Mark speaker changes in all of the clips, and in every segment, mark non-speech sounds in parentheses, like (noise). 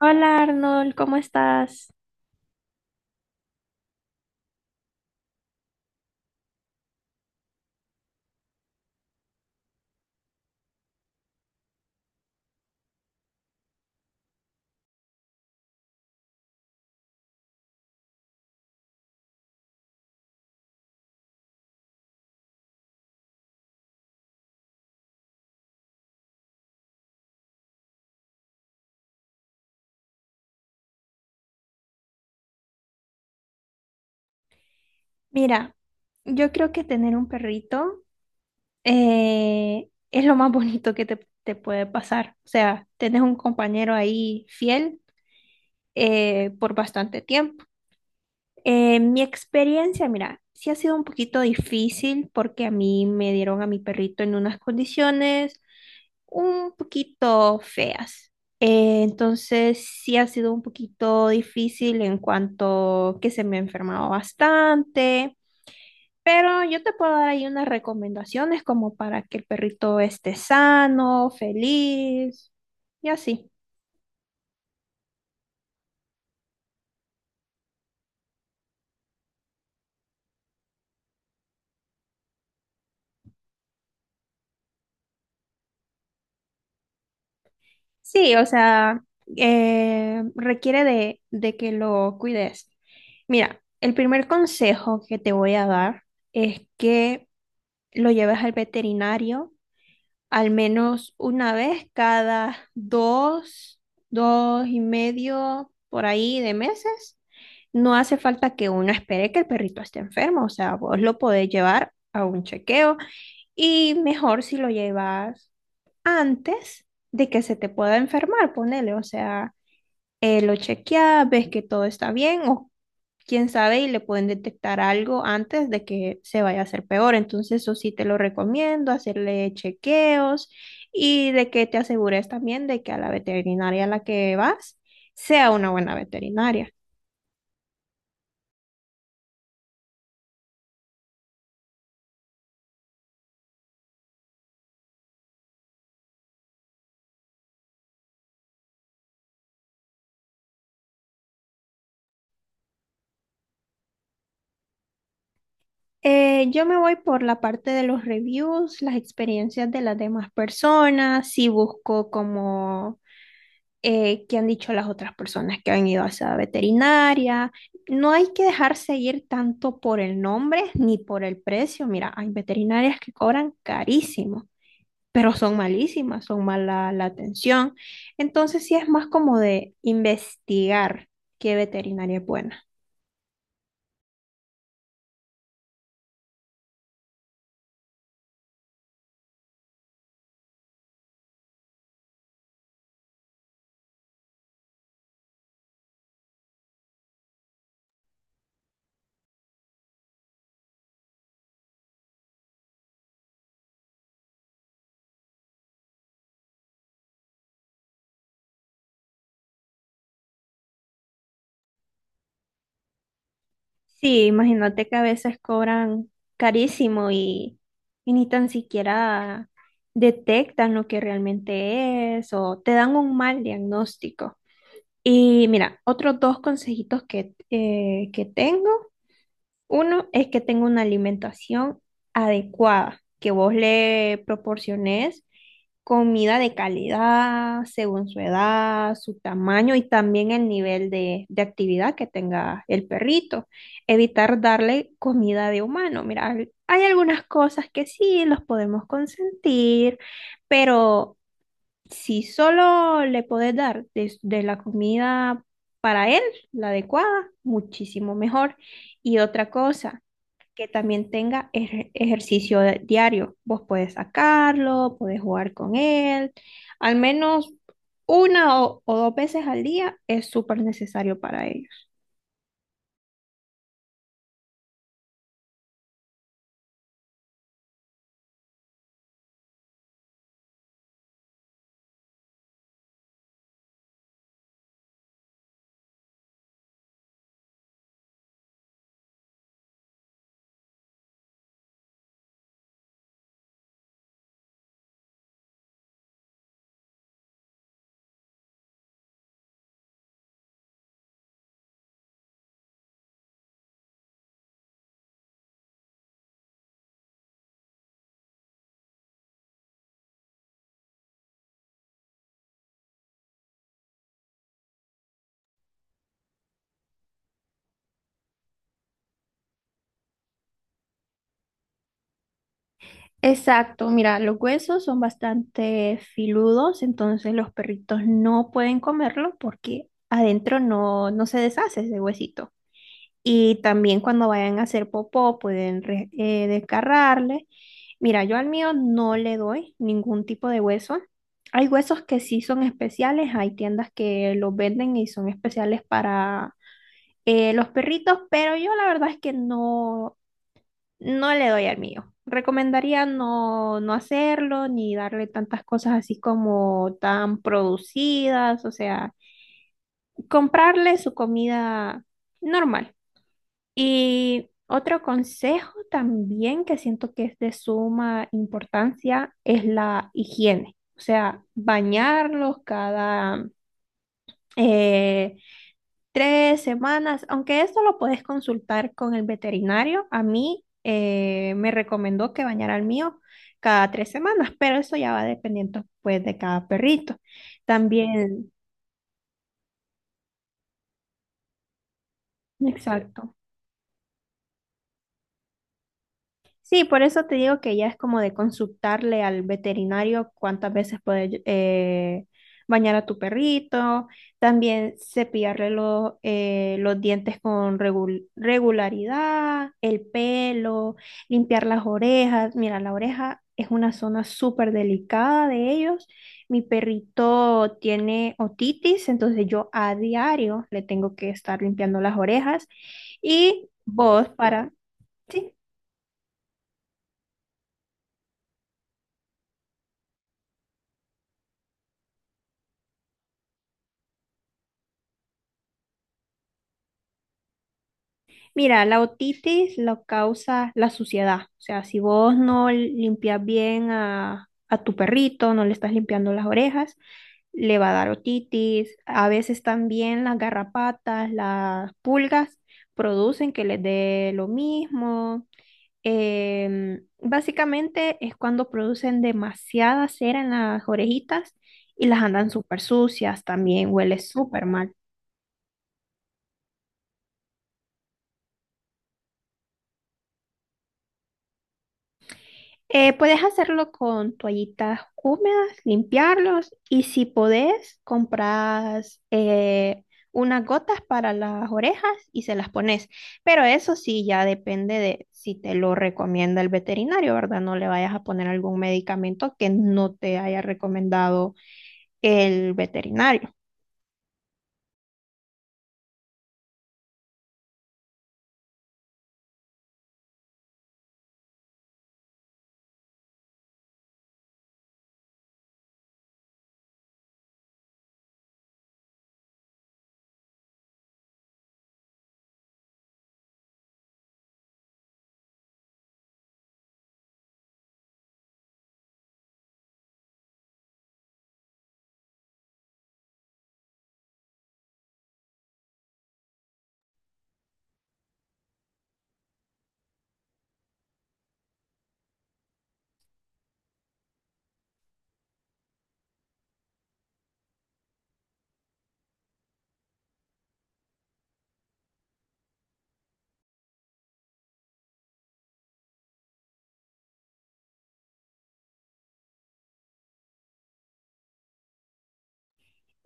Speaker 1: Hola Arnold, ¿cómo estás? Mira, yo creo que tener un perrito es lo más bonito que te puede pasar. O sea, tenés un compañero ahí fiel, por bastante tiempo. Mi experiencia, mira, sí ha sido un poquito difícil porque a mí me dieron a mi perrito en unas condiciones un poquito feas. Entonces sí ha sido un poquito difícil en cuanto que se me ha enfermado bastante, pero yo te puedo dar ahí unas recomendaciones como para que el perrito esté sano, feliz y así. Sí, o sea, requiere de que lo cuides. Mira, el primer consejo que te voy a dar es que lo lleves al veterinario al menos una vez cada dos, dos y medio por ahí de meses. No hace falta que uno espere que el perrito esté enfermo, o sea, vos lo podés llevar a un chequeo y mejor si lo llevas antes de que se te pueda enfermar, ponele, o sea, lo chequea, ves que todo está bien o quién sabe y le pueden detectar algo antes de que se vaya a hacer peor. Entonces, eso sí te lo recomiendo, hacerle chequeos y de que te asegures también de que a la veterinaria a la que vas sea una buena veterinaria. Yo me voy por la parte de los reviews, las experiencias de las demás personas, si busco como qué han dicho las otras personas que han ido a esa veterinaria. No hay que dejarse ir tanto por el nombre ni por el precio. Mira, hay veterinarias que cobran carísimo, pero son malísimas, son mala la atención. Entonces sí es más como de investigar qué veterinaria es buena. Sí, imagínate que a veces cobran carísimo y ni tan siquiera detectan lo que realmente es o te dan un mal diagnóstico. Y mira, otros dos consejitos que tengo. Uno es que tenga una alimentación adecuada, que vos le proporciones comida de calidad según su edad, su tamaño y también el nivel de actividad que tenga el perrito. Evitar darle comida de humano. Mira, hay algunas cosas que sí los podemos consentir, pero... Si solo le podés dar la comida para él, la adecuada, muchísimo mejor. Y otra cosa, que también tenga ejercicio diario. Vos podés sacarlo, podés jugar con él. Al menos una o dos veces al día es súper necesario para ellos. Exacto, mira, los huesos son bastante filudos, entonces los perritos no pueden comerlo porque adentro no, no se deshace ese huesito. Y también cuando vayan a hacer popó pueden desgarrarle. Mira, yo al mío no le doy ningún tipo de hueso. Hay huesos que sí son especiales, hay tiendas que los venden y son especiales para los perritos, pero yo la verdad es que no, no le doy al mío. Recomendaría no, no hacerlo ni darle tantas cosas así como tan producidas, o sea, comprarle su comida normal. Y otro consejo también que siento que es de suma importancia es la higiene. O sea, bañarlos cada eh, tres semanas, aunque esto lo puedes consultar con el veterinario. A mí me recomendó que bañara al mío cada tres semanas, pero eso ya va dependiendo pues de cada perrito. También, exacto. Sí, por eso te digo que ya es como de consultarle al veterinario cuántas veces puedes bañar a tu perrito, también cepillarle los dientes con regularidad, el pelo, limpiar las orejas. Mira, la oreja es una zona súper delicada de ellos. Mi perrito tiene otitis, entonces yo a diario le tengo que estar limpiando las orejas y vos para... Sí. Mira, la otitis la causa la suciedad. O sea, si vos no limpias bien a tu perrito, no le estás limpiando las orejas, le va a dar otitis. A veces también las garrapatas, las pulgas producen que les dé lo mismo. Básicamente es cuando producen demasiada cera en las orejitas y las andan súper sucias, también huele súper mal. Puedes hacerlo con toallitas húmedas, limpiarlos y si podés, compras unas gotas para las orejas y se las pones. Pero eso sí, ya depende de si te lo recomienda el veterinario, ¿verdad? No le vayas a poner algún medicamento que no te haya recomendado el veterinario.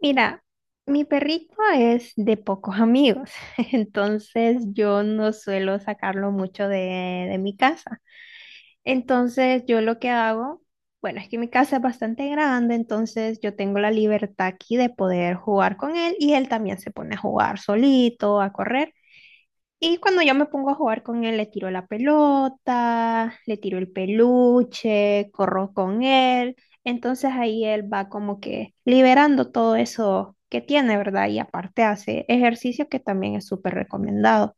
Speaker 1: Mira, mi perrito es de pocos amigos, (laughs) entonces yo no suelo sacarlo mucho de mi casa. Entonces yo lo que hago, bueno, es que mi casa es bastante grande, entonces yo tengo la libertad aquí de poder jugar con él y él también se pone a jugar solito, a correr. Y cuando yo me pongo a jugar con él, le tiro la pelota, le tiro el peluche, corro con él. Entonces ahí él va como que liberando todo eso que tiene, ¿verdad? Y aparte hace ejercicio que también es súper recomendado.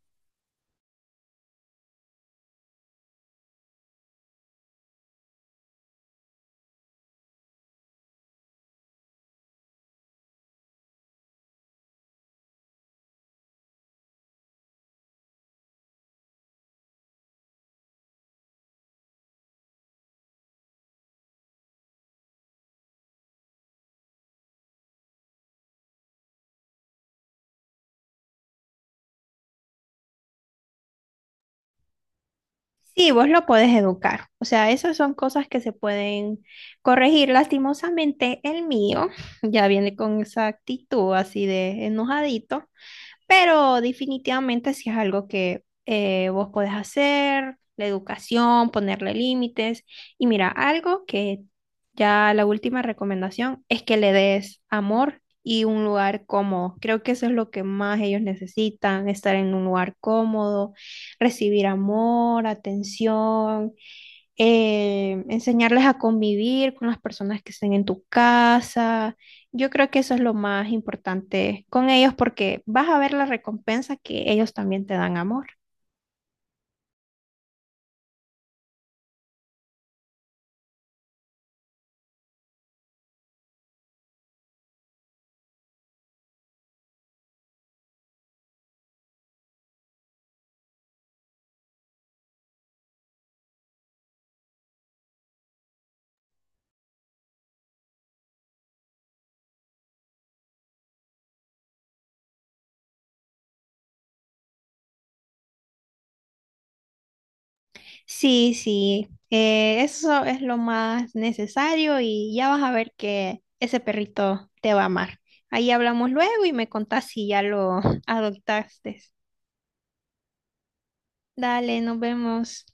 Speaker 1: Sí, vos lo podés educar. O sea, esas son cosas que se pueden corregir. Lastimosamente, el mío (laughs) ya viene con esa actitud así de enojadito. Pero definitivamente si es algo que vos podés hacer, la educación, ponerle límites. Y mira, algo que ya la última recomendación es que le des amor y un lugar cómodo. Creo que eso es lo que más ellos necesitan, estar en un lugar cómodo, recibir amor, atención, enseñarles a convivir con las personas que estén en tu casa. Yo creo que eso es lo más importante con ellos porque vas a ver la recompensa que ellos también te dan amor. Sí, sí, eso es lo más necesario y ya vas a ver que ese perrito te va a amar. Ahí hablamos luego y me contás si ya lo (laughs) adoptaste. Dale, nos vemos.